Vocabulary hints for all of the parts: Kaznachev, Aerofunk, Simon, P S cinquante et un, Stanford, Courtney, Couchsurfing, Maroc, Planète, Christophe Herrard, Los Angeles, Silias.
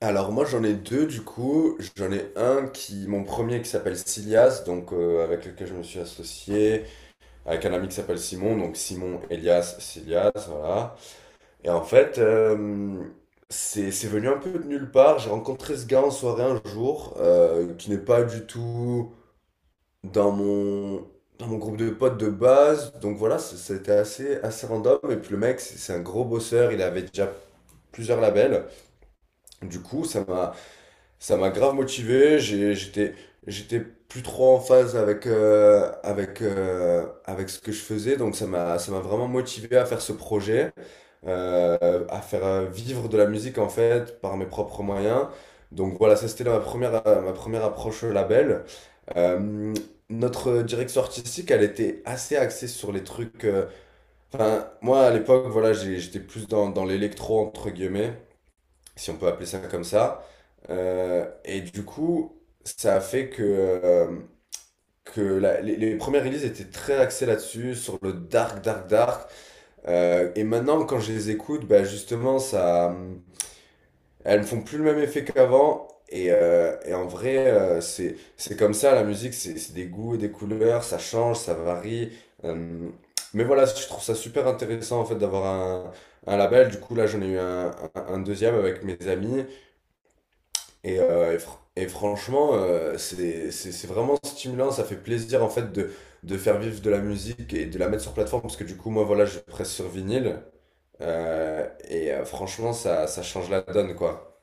Alors moi j'en ai deux du coup, j'en ai un qui, mon premier qui s'appelle Silias, donc avec lequel je me suis associé, avec un ami qui s'appelle Simon, donc Simon, Elias, Silias, voilà. Et en fait, c'est venu un peu de nulle part, j'ai rencontré ce gars en soirée un jour, qui n'est pas du tout dans mon, dans mon groupe de potes de base, donc voilà, c'était assez, assez random, et puis le mec c'est un gros bosseur, il avait déjà plusieurs labels, du coup ça m'a... Ça m'a grave motivé, j'étais plus trop en phase avec avec ce que je faisais, donc ça m'a vraiment motivé à faire ce projet, à faire vivre de la musique en fait par mes propres moyens. Donc voilà, ça c'était ma première approche au label. Euh, notre direction artistique, elle était assez axée sur les trucs. Enfin, moi à l'époque, voilà, j'étais plus dans l'électro entre guillemets si on peut appeler ça comme ça. Euh, et du coup, ça a fait que les premières releases étaient très axées là-dessus, sur le dark, dark, dark. Et maintenant, quand je les écoute, bah justement, elles me font plus le même effet qu'avant. Et en vrai, c'est comme ça, la musique, c'est des goûts et des couleurs, ça change, ça varie. Hum, mais voilà, je trouve ça super intéressant en fait un label. Du coup, là, j'en ai eu un deuxième avec mes amis. Et franchement, c'est vraiment stimulant, ça fait plaisir en fait de faire vivre de la musique et de la mettre sur plateforme, parce que du coup, moi, voilà, je presse sur vinyle, franchement, ça change la donne, quoi.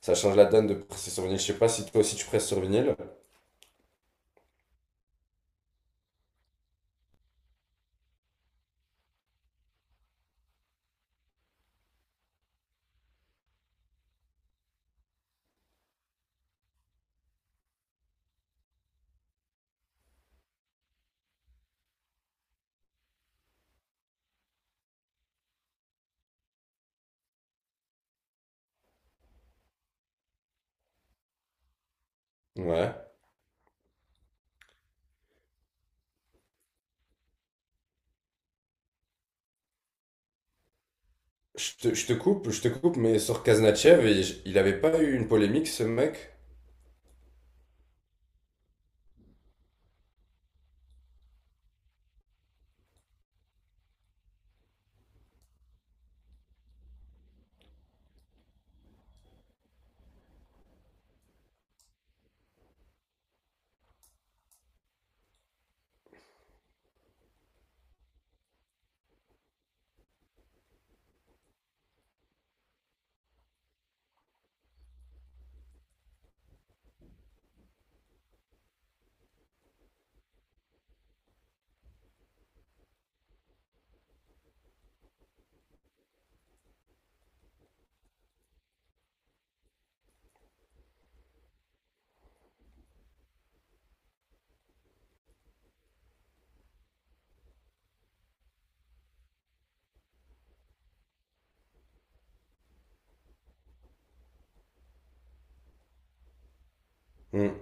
Ça change la donne de presser sur vinyle. Je sais pas si toi aussi tu presses sur vinyle. Ouais. Je te coupe, mais sur Kaznachev, il avait pas eu une polémique, ce mec? Hmm.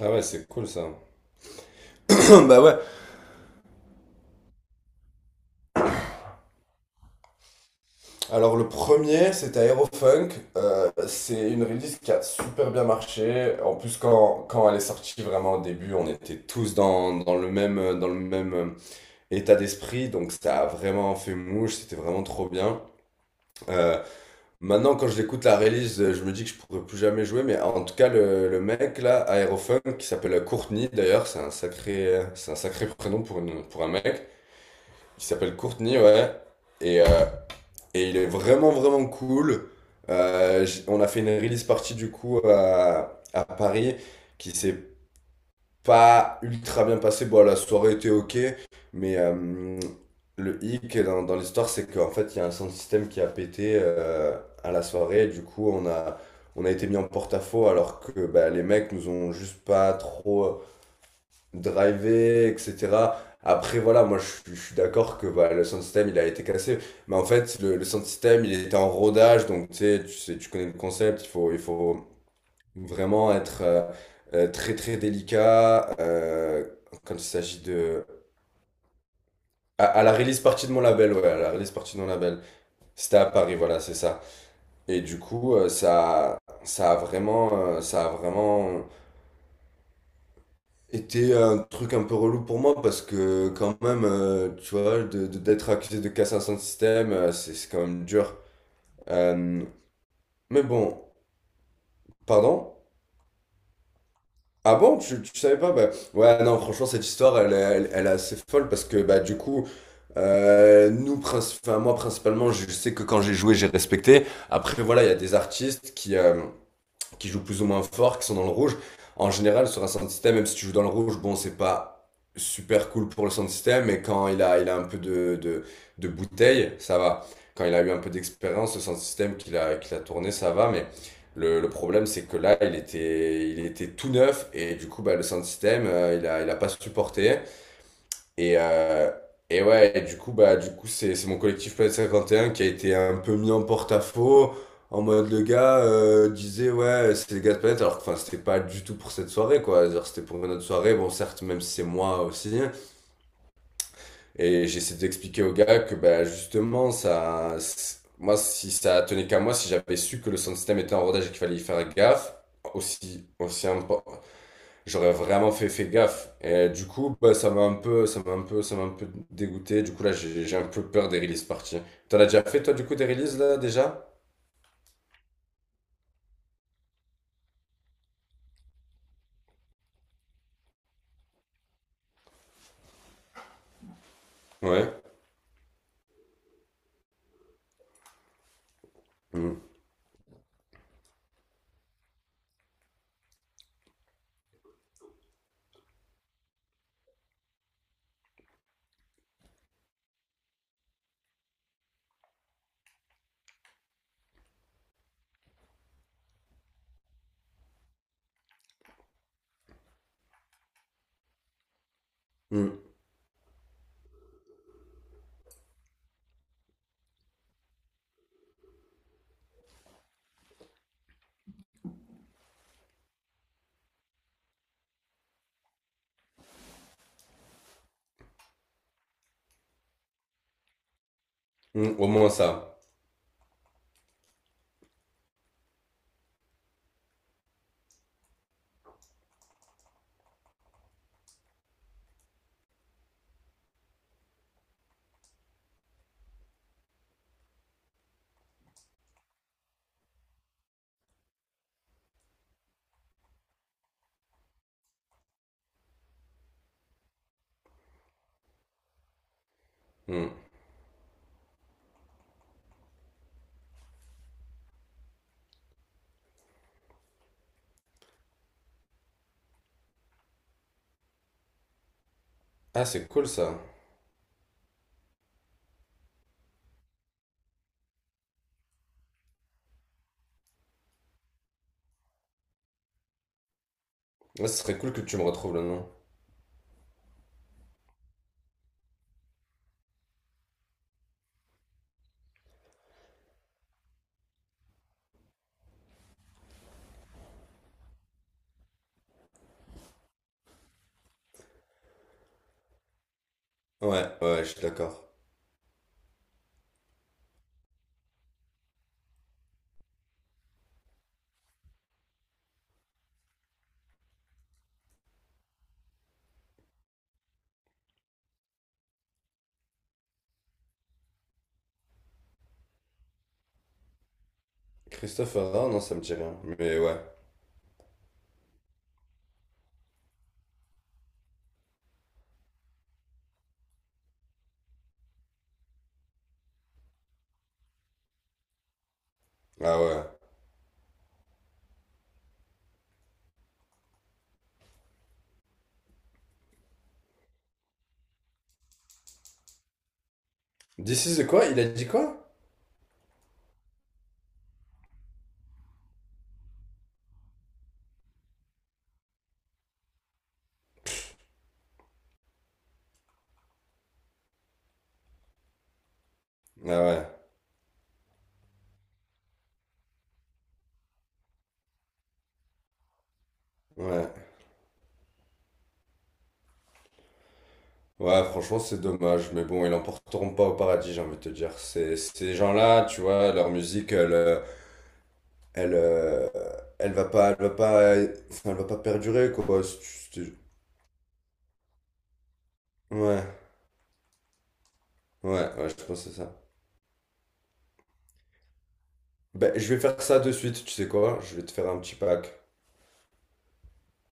Ah ouais, c'est cool ça. Bah ouais. Alors le premier, c'était Aerofunk. C'est une release qui a super bien marché. En plus, quand elle est sortie vraiment au début, on était tous dans le même état d'esprit. Donc ça a vraiment fait mouche, c'était vraiment trop bien. Euh, maintenant, quand je l'écoute la release, je me dis que je pourrais plus jamais jouer. Mais en tout cas, le mec là, Aerofunk, qui s'appelle Courtney d'ailleurs, c'est un sacré prénom pour un mec. Qui s'appelle Courtney, ouais. Et euh, et il est vraiment, vraiment cool. On a fait une release party du coup à Paris qui s'est pas ultra bien passée. Bon, la soirée était ok, mais euh, le hic dans l'histoire, c'est qu'en fait, il y a un sound system qui a pété à la soirée. On a été mis en porte-à-faux alors que bah, les mecs nous ont juste pas trop driver, etc. Après, voilà, moi, je suis d'accord que voilà, le sound system, il a été cassé. Mais en fait, le sound system, il était en rodage. Donc, tu sais, tu connais le concept. Il faut vraiment être très, très délicat quand il s'agit de... à la release partie de mon label, ouais, à la release partie de mon label. C'était à Paris, voilà, c'est ça. Et du coup, ça, ça a vraiment était un truc un peu relou pour moi parce que quand même, tu vois, d'être accusé de cassation de système, c'est quand même dur. Euh, mais bon, pardon? Ah bon, tu savais pas? Bah, ouais, non, franchement, cette histoire, elle, elle est assez folle parce que bah, du coup, nous, enfin, moi principalement, je sais que quand j'ai joué, j'ai respecté. Après, voilà, il y a des artistes qui jouent plus ou moins fort, qui sont dans le rouge. En général, sur un sound system, même si tu joues dans le rouge, bon, c'est pas super cool pour le sound system, mais quand il a un peu de bouteille, ça va. Quand il a eu un peu d'expérience, le sound system qu'il a tourné, ça va, mais le problème, c'est que là, il était tout neuf, et du coup, bah, le sound system, il a pas supporté. Et, euh, et ouais, et du coup, bah, du coup, c'est mon collectif P S cinquante et un qui a été un peu mis en porte-à-faux. En mode, le gars disait, ouais, c'est les gars de Planète, alors que enfin, c'était pas du tout pour cette soirée, quoi. Cest C'était pour une autre soirée, bon, certes, même si c'est moi aussi. Et j'essaie d'expliquer au gars que, bah, justement, moi, si ça tenait qu'à moi, si j'avais su que le sound system était en rodage et qu'il fallait y faire gaffe, aussi, aussi important. J'aurais vraiment fait gaffe. Et du coup, bah, ça m'a un peu dégoûté. Du coup, là, j'ai un peu peur des release parties. T'en as déjà fait, toi, du coup, des releases, là, déjà? Ouais. Mm. Mm. Mm. Au moins ça. Mm. Ah, c'est cool, ça. Ouais, ce serait cool que tu me retrouves le nom. Ouais, ouais, je suis d'accord. Christophe Herrard, non, ça me dit rien. Mais ouais. Ah ouais. This is the quoi? Il a dit quoi? Ah ouais. Ouais. Ouais, franchement, c'est dommage, mais bon, ils l'emporteront pas au paradis, j'ai envie de te dire. Ces, ces gens-là, tu vois, leur musique, elle, euh, elle va pas, enfin, elle va pas perdurer, quoi. C'est- Ouais, ouais, je pense que c'est ça. Ben, je vais faire ça de suite, tu sais quoi? Je vais te faire un petit pack.